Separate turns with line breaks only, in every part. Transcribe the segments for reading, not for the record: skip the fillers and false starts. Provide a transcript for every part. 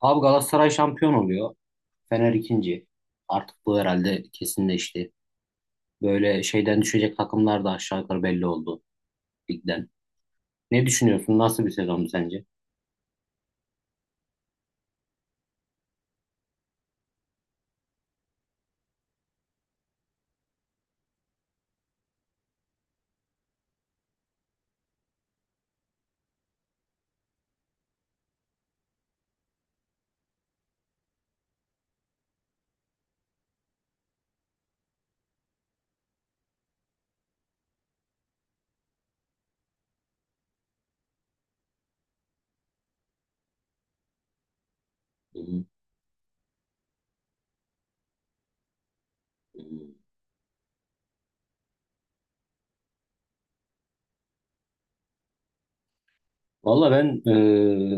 Abi Galatasaray şampiyon oluyor. Fener ikinci. Artık bu herhalde kesinleşti. Böyle şeyden düşecek takımlar da aşağı yukarı belli oldu ligden. Ne düşünüyorsun? Nasıl bir sezon sence? Hı hı. Valla ben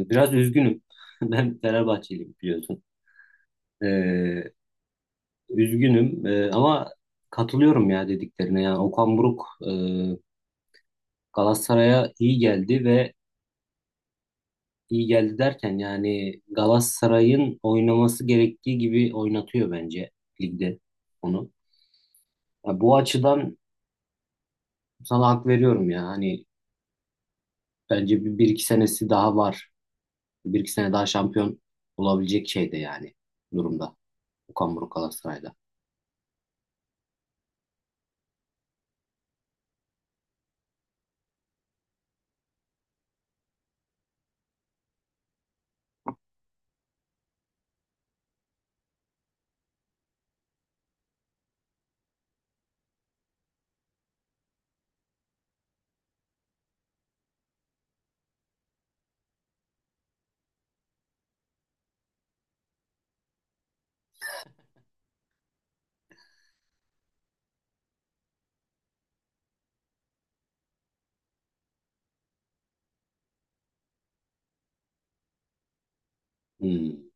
biraz üzgünüm. Ben Fenerbahçeliyim biliyorsun. E, üzgünüm ama katılıyorum ya dediklerine. Yani Okan Buruk Galatasaray'a iyi geldi ve iyi geldi derken yani Galatasaray'ın oynaması gerektiği gibi oynatıyor bence ligde onu. Ya bu açıdan sana hak veriyorum ya. Hani bence bir iki senesi daha var. Bir iki sene daha şampiyon olabilecek şeyde yani durumda. Okan Buruk Galatasaray'da. Hmm.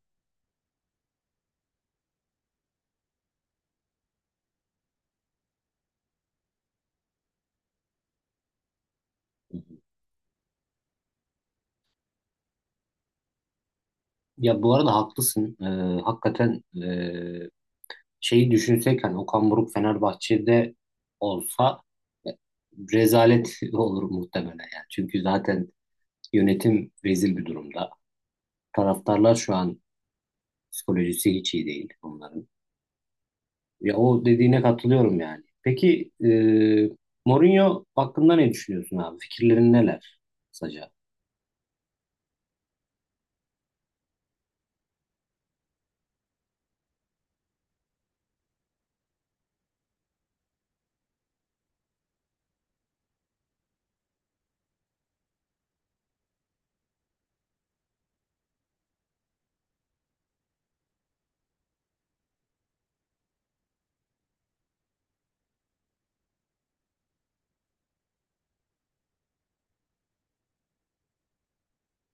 Ya bu arada haklısın. Hakikaten şeyi düşünsek hani Okan Buruk Fenerbahçe'de olsa e, rezalet olur muhtemelen yani. Çünkü zaten yönetim rezil bir durumda. Taraftarlar şu an psikolojisi hiç iyi değil onların. Ya o dediğine katılıyorum yani. Peki Mourinho hakkında ne düşünüyorsun abi? Fikirlerin neler kısaca?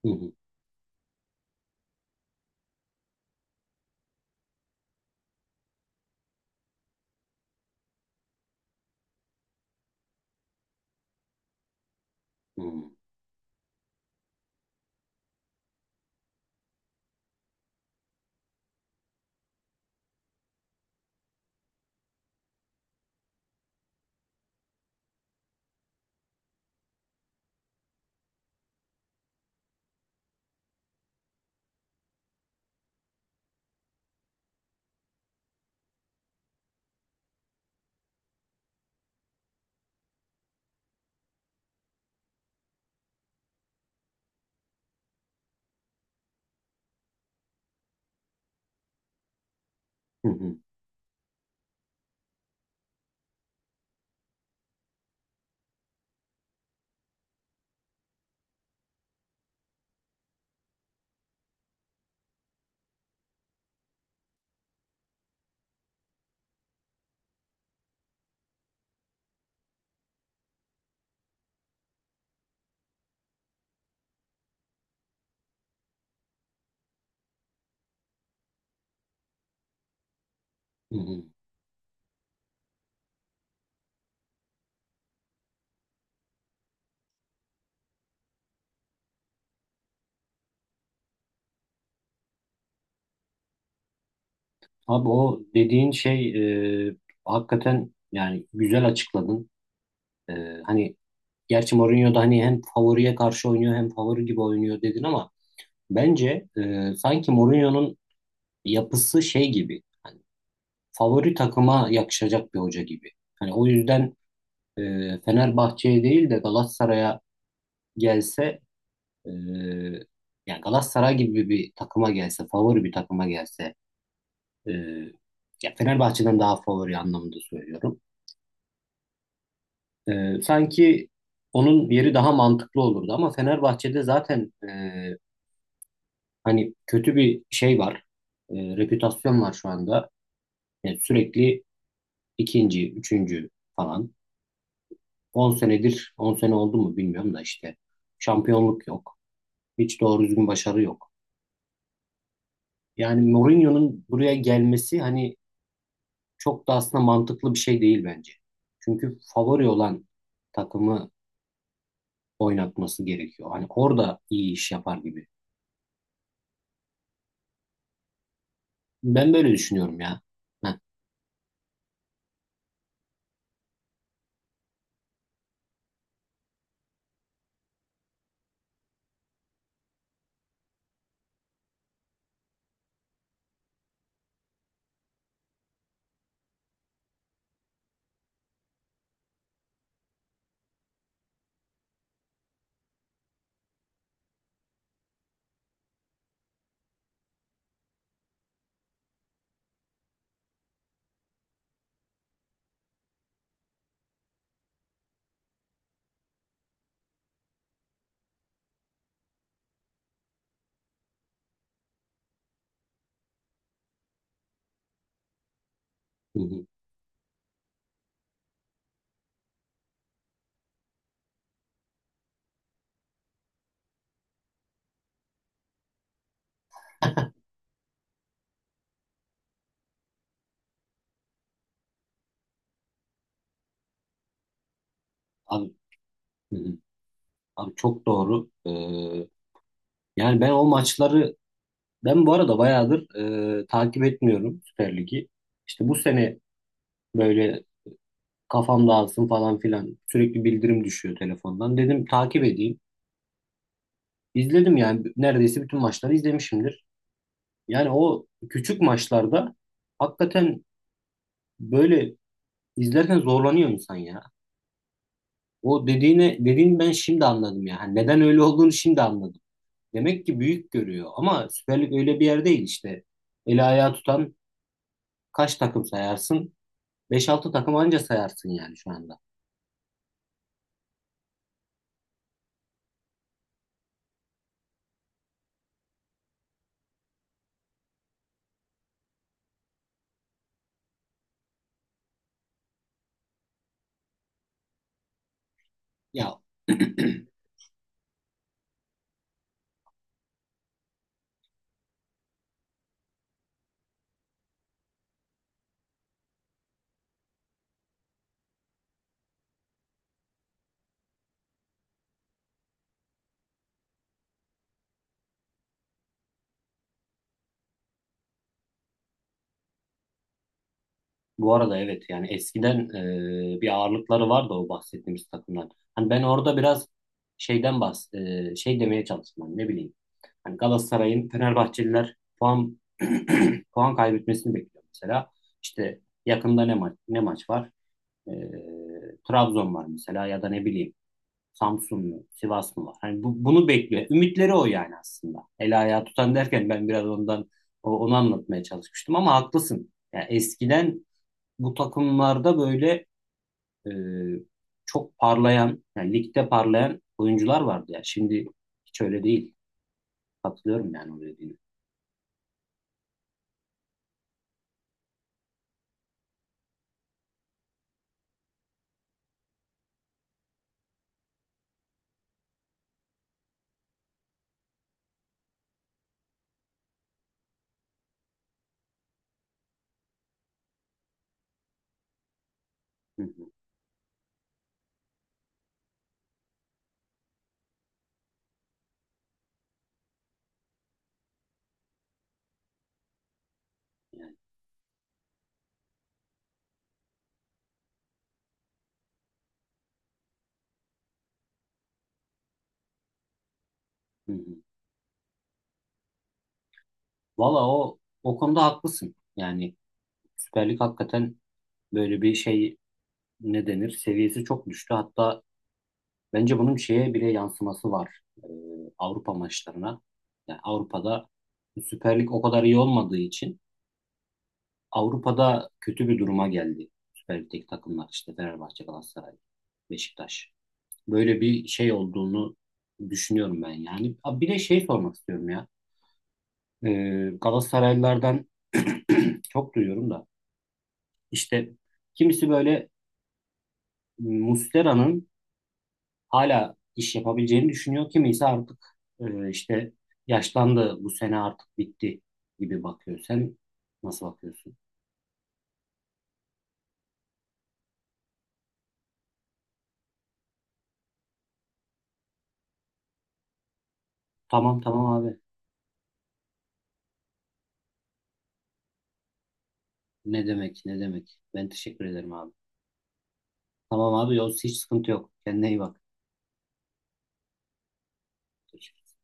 Hı hı, hı hı, hı hı, hı hı. Abi o dediğin şey hakikaten yani güzel açıkladın. E, hani gerçi Mourinho da hani hem favoriye karşı oynuyor hem favori gibi oynuyor dedin ama bence sanki Mourinho'nun yapısı şey gibi. Hani favori takıma yakışacak bir hoca gibi. Hani o yüzden e, Fenerbahçe'ye değil de Galatasaray'a gelse e, yani Galatasaray gibi bir takıma gelse, favori bir takıma gelse e, ya Fenerbahçe'den daha favori anlamında söylüyorum. Sanki onun yeri daha mantıklı olurdu ama Fenerbahçe'de zaten hani kötü bir şey var. Reputasyon var şu anda. Yani sürekli ikinci, üçüncü falan. 10 senedir, 10 sene oldu mu bilmiyorum da işte şampiyonluk yok. Hiç doğru düzgün başarı yok. Yani Mourinho'nun buraya gelmesi hani çok da aslında mantıklı bir şey değil bence. Çünkü favori olan takımı oynatması gerekiyor. Hani orada iyi iş yapar gibi. Ben böyle düşünüyorum ya. Heh, hı hı. Abi, hı hı. Abi çok doğru. Yani ben o maçları ben bu arada bayağıdır takip etmiyorum Süper Lig'i. İşte bu sene böyle kafam dağılsın falan filan. Sürekli bildirim düşüyor telefondan. Dedim takip edeyim. İzledim yani neredeyse bütün maçları izlemişimdir. Yani o küçük maçlarda hakikaten böyle izlerken zorlanıyor insan ya. O dediğini ben şimdi anladım ya. Hani neden öyle olduğunu şimdi anladım. Demek ki büyük görüyor ama Süper Lig öyle bir yer değil işte. Eli ayağı tutan kaç takım sayarsın? Beş altı takım anca sayarsın yani şu anda. Ya bu arada evet yani eskiden bir ağırlıkları vardı o bahsettiğimiz takımlar. Hani ben orada biraz şeyden şey demeye çalıştım hani ne bileyim. Hani Galatasaray'ın Fenerbahçeliler puan puan kaybetmesini bekliyor mesela. İşte yakında ne maç ne maç var? E, Trabzon var mesela ya da ne bileyim Samsun mu, Sivas mı var? Hani bunu bekliyor. Ümitleri o yani aslında. El ayağı tutan derken ben biraz ondan onu anlatmaya çalışmıştım ama haklısın. Yani eskiden bu takımlarda böyle e, çok parlayan, yani ligde parlayan oyuncular vardı ya. Şimdi hiç öyle değil. Katılıyorum yani o dediğine. Hı hı. Yani, hı hı. Valla o konuda haklısın. Yani Süper Lig hakikaten böyle bir şey ne denir? Seviyesi çok düştü. Hatta bence bunun şeye bile yansıması var. Avrupa maçlarına. Yani Avrupa'da Süper Lig o kadar iyi olmadığı için Avrupa'da kötü bir duruma geldi. Süper Lig'deki takımlar işte Fenerbahçe, Galatasaray, Beşiktaş. Böyle bir şey olduğunu düşünüyorum ben yani. Abi bir de şey sormak istiyorum ya. Galatasaraylılardan çok duyuyorum da. İşte kimisi böyle Muslera'nın hala iş yapabileceğini düşünüyor. Kimisi artık işte yaşlandı bu sene artık bitti gibi bakıyor. Sen nasıl bakıyorsun? Tamam, tamam abi. Ne demek, ne demek. Ben teşekkür ederim abi. Tamam abi Yavuz, hiç sıkıntı yok. Kendine iyi bak. Görüşürüz.